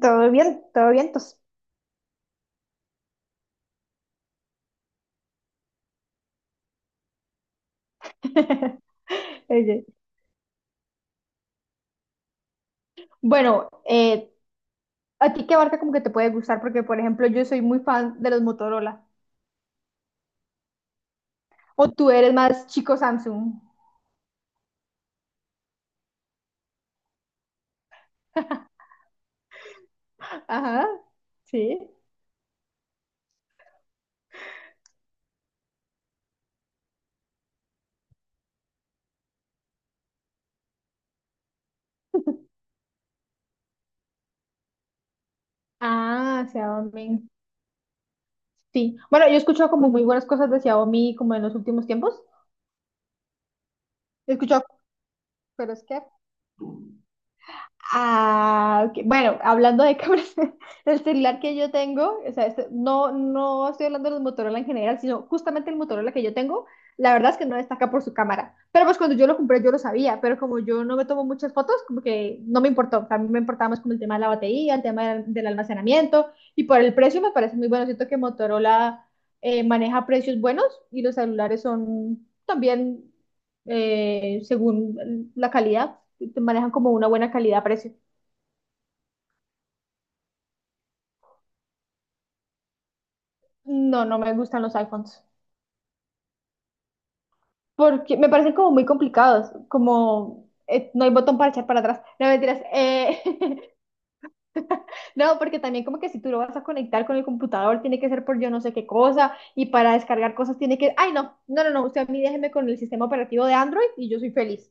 Todo bien, tos. Ok. Bueno, ¿a ti qué marca como que te puede gustar? Porque, por ejemplo, yo soy muy fan de los Motorola. ¿O tú eres más chico Samsung? Ajá, sí. Ah, Xiaomi. Sí. Bueno, yo he escuchado como muy buenas cosas de Xiaomi como en los últimos tiempos. He escuchado, pero es que ah, ok. Bueno, hablando de cámaras, el celular que yo tengo, o sea, no, no estoy hablando de los Motorola en general, sino justamente el Motorola que yo tengo, la verdad es que no destaca por su cámara. Pero pues cuando yo lo compré yo lo sabía, pero como yo no me tomo muchas fotos, como que no me importó. O sea, a mí me importaba más como el tema de la batería, el tema del almacenamiento, y por el precio me parece muy bueno. Siento que Motorola maneja precios buenos y los celulares son también según la calidad te manejan como una buena calidad-precio. No, no me gustan los iPhones. Porque me parecen como muy complicados, como no hay botón para echar para atrás. No, mentiras. No, porque también como que si tú lo vas a conectar con el computador, tiene que ser por yo no sé qué cosa, y para descargar cosas tiene que... Ay, no, no, no, no, usted a mí déjeme con el sistema operativo de Android y yo soy feliz.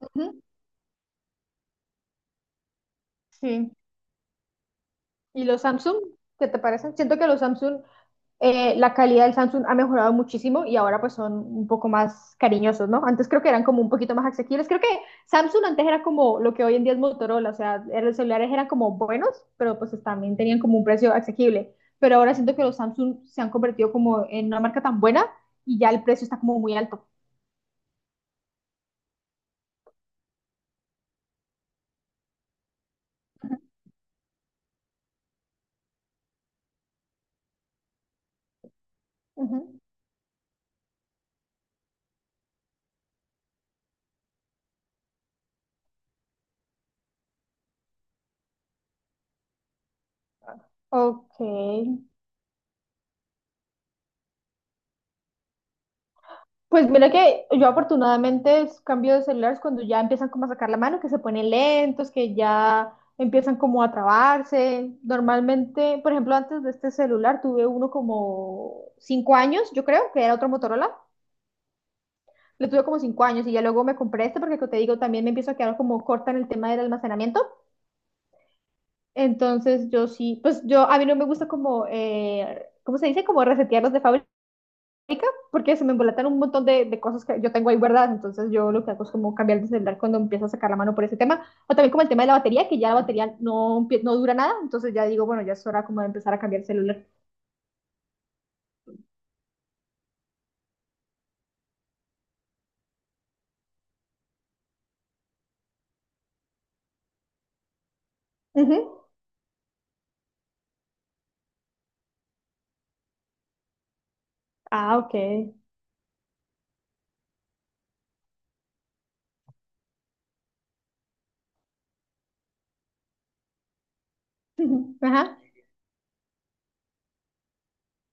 Ujú. Sí. ¿Y los Samsung? ¿Qué te parecen? Siento que los Samsung, la calidad del Samsung ha mejorado muchísimo y ahora pues son un poco más cariñosos, ¿no? Antes creo que eran como un poquito más asequibles. Creo que Samsung antes era como lo que hoy en día es Motorola, o sea, los celulares eran como buenos, pero pues también tenían como un precio asequible. Pero ahora siento que los Samsung se han convertido como en una marca tan buena y ya el precio está como muy alto. Ujú. Ok, pues mira que yo afortunadamente cambio de celulares cuando ya empiezan como a sacar la mano, que se ponen lentos, que ya empiezan como a trabarse. Normalmente, por ejemplo, antes de este celular tuve uno como 5 años, yo creo, que era otro Motorola. Le tuve como 5 años y ya luego me compré este porque como te digo, también me empiezo a quedar como corta en el tema del almacenamiento. Entonces yo sí, pues yo a mí no me gusta como, ¿cómo se dice? Como resetearlos de fábrica. Porque se me embolatan un montón de cosas que yo tengo ahí guardadas, entonces yo lo que hago es como cambiar de celular cuando empiezo a sacar la mano por ese tema, o también como el tema de la batería, que ya la batería no, no dura nada, entonces ya digo, bueno, ya es hora como de empezar a cambiar el celular. Uh -huh. Ah, ok. Uh -huh. Ajá.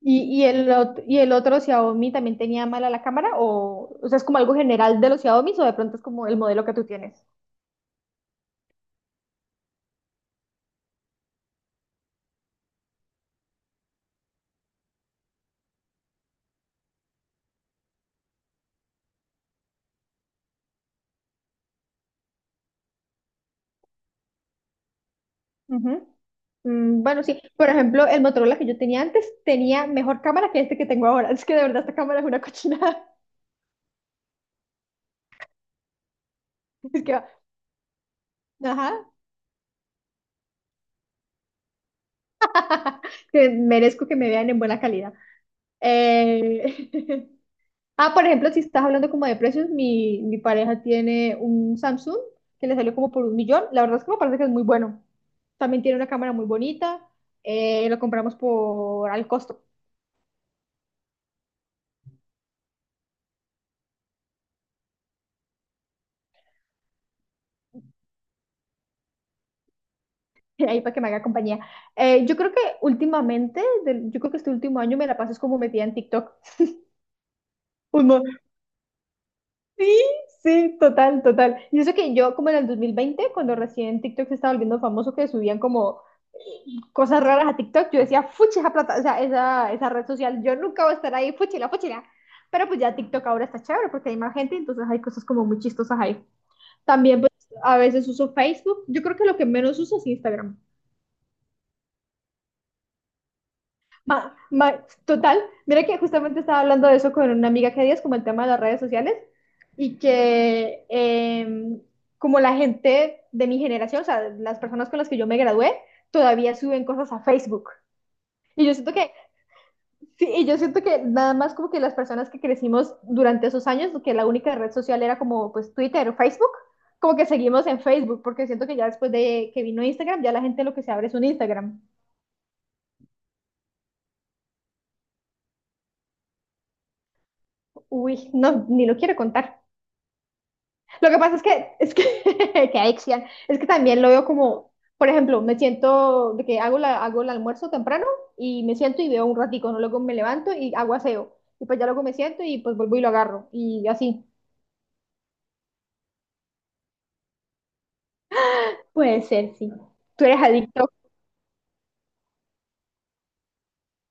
¿Y el otro Xiaomi también tenía mala la cámara? ¿O, ¿o sea, es como algo general de los Xiaomi o de pronto es como el modelo que tú tienes? Uh -huh. Mm, bueno, sí, por ejemplo, el Motorola que yo tenía antes tenía mejor cámara que este que tengo ahora. Es que de verdad esta cámara es una cochinada. Es que ajá. Que merezco que me vean en buena calidad. Eh, Ah, por ejemplo, si estás hablando como de precios, mi pareja tiene un Samsung que le salió como por un millón. La verdad es que me parece que es muy bueno. También tiene una cámara muy bonita. Lo compramos por al costo. Ahí para que me haga compañía. Yo creo que últimamente, yo creo que este último año me la paso es como metida en TikTok. Un, mo- Sí, sí, total, total. Y eso que yo, como en el 2020, cuando recién TikTok se estaba volviendo famoso, que subían como eh, cosas raras a TikTok, yo decía, fuchi, esa plata, o sea, esa red social, yo nunca voy a estar ahí, fuchila, fuchila. Pero pues ya TikTok ahora está chévere porque hay más gente, entonces hay cosas como muy chistosas ahí. También, pues, a veces uso Facebook. Yo creo que lo que menos uso es Instagram. Total, mira que justamente estaba hablando de eso con una amiga que días, como el tema de las redes sociales, y que como la gente de mi generación, o sea, las personas con las que yo me gradué, todavía suben cosas a Facebook. Y yo siento que, sí, y yo siento que nada más como que las personas que crecimos durante esos años, que la única red social era como pues Twitter o Facebook, como que seguimos en Facebook, porque siento que ya después de que vino Instagram, ya la gente lo que se abre es un Instagram. Uy, no, ni lo quiero contar. Lo que pasa es que, que adicción, es que también lo veo como, por ejemplo, me siento de que hago, hago el almuerzo temprano y me siento y veo un ratico, ¿no? Luego me levanto y hago aseo. Y pues ya luego me siento y pues vuelvo y lo agarro. Y así. Puede ser, sí. Tú eres adicto,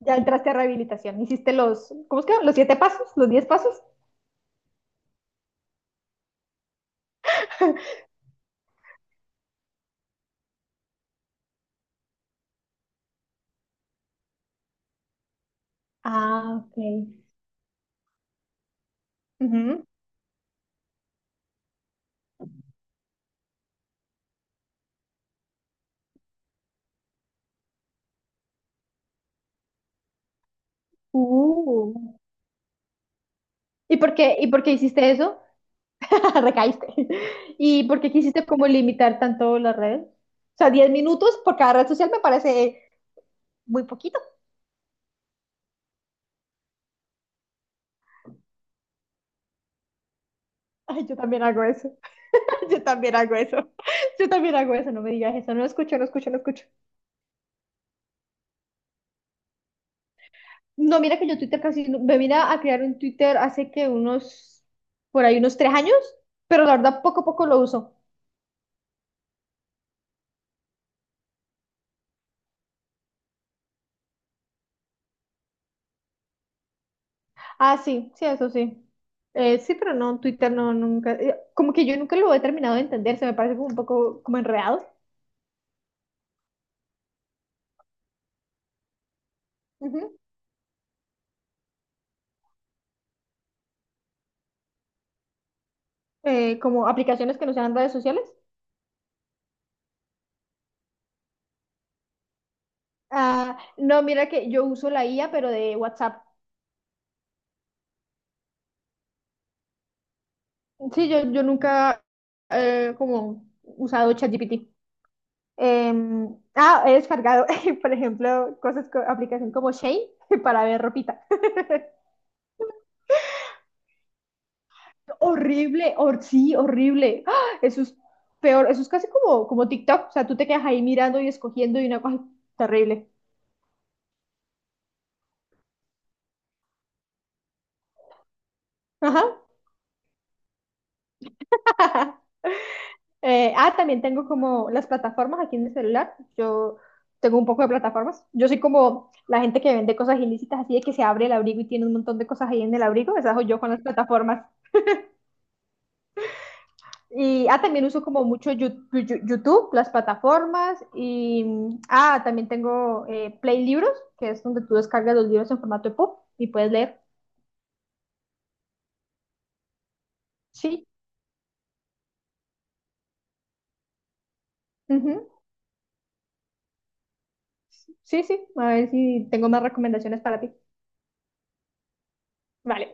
ya entraste a rehabilitación. Hiciste los, ¿cómo es que? Los siete pasos, los diez pasos. Ah, ok. Ujú. Uh. ¿Y por qué hiciste eso? Recaíste. ¿Y por qué quisiste como limitar tanto las redes? O sea, 10 minutos por cada red social me parece muy poquito. Ay, yo también hago eso. Yo también hago eso. Yo también hago eso. No me digas eso. No escucho, no escucho, no escucho. No, mira que yo Twitter casi me vine a crear un Twitter hace que unos, por ahí unos 3 años, pero la verdad poco a poco lo uso. Ah, sí, sí, eso sí. Sí, pero no, Twitter no, nunca. Como que yo nunca lo he terminado de entender. Se me parece como un poco como enredado. Como aplicaciones que no sean redes sociales. Ah, no, mira que yo uso la IA, pero de WhatsApp. Sí, yo nunca como usado ChatGPT. Ah, he descargado, por ejemplo, cosas, aplicación como Shane para ver ropita. Horrible, sí, horrible. ¡Ah! Eso es peor, eso es casi como TikTok. O sea, tú te quedas ahí mirando y escogiendo y una cosa terrible. Ajá. También tengo como las plataformas aquí en el celular. Yo tengo un poco de plataformas. Yo soy como la gente que vende cosas ilícitas, así de que se abre el abrigo y tiene un montón de cosas ahí en el abrigo. Esa soy yo con las plataformas. Y también uso como mucho YouTube, las plataformas. Y también tengo Play Libros, que es donde tú descargas los libros en formato EPUB y puedes leer. Sí, ujú, sí, sí. A ver si tengo más recomendaciones para ti. Vale.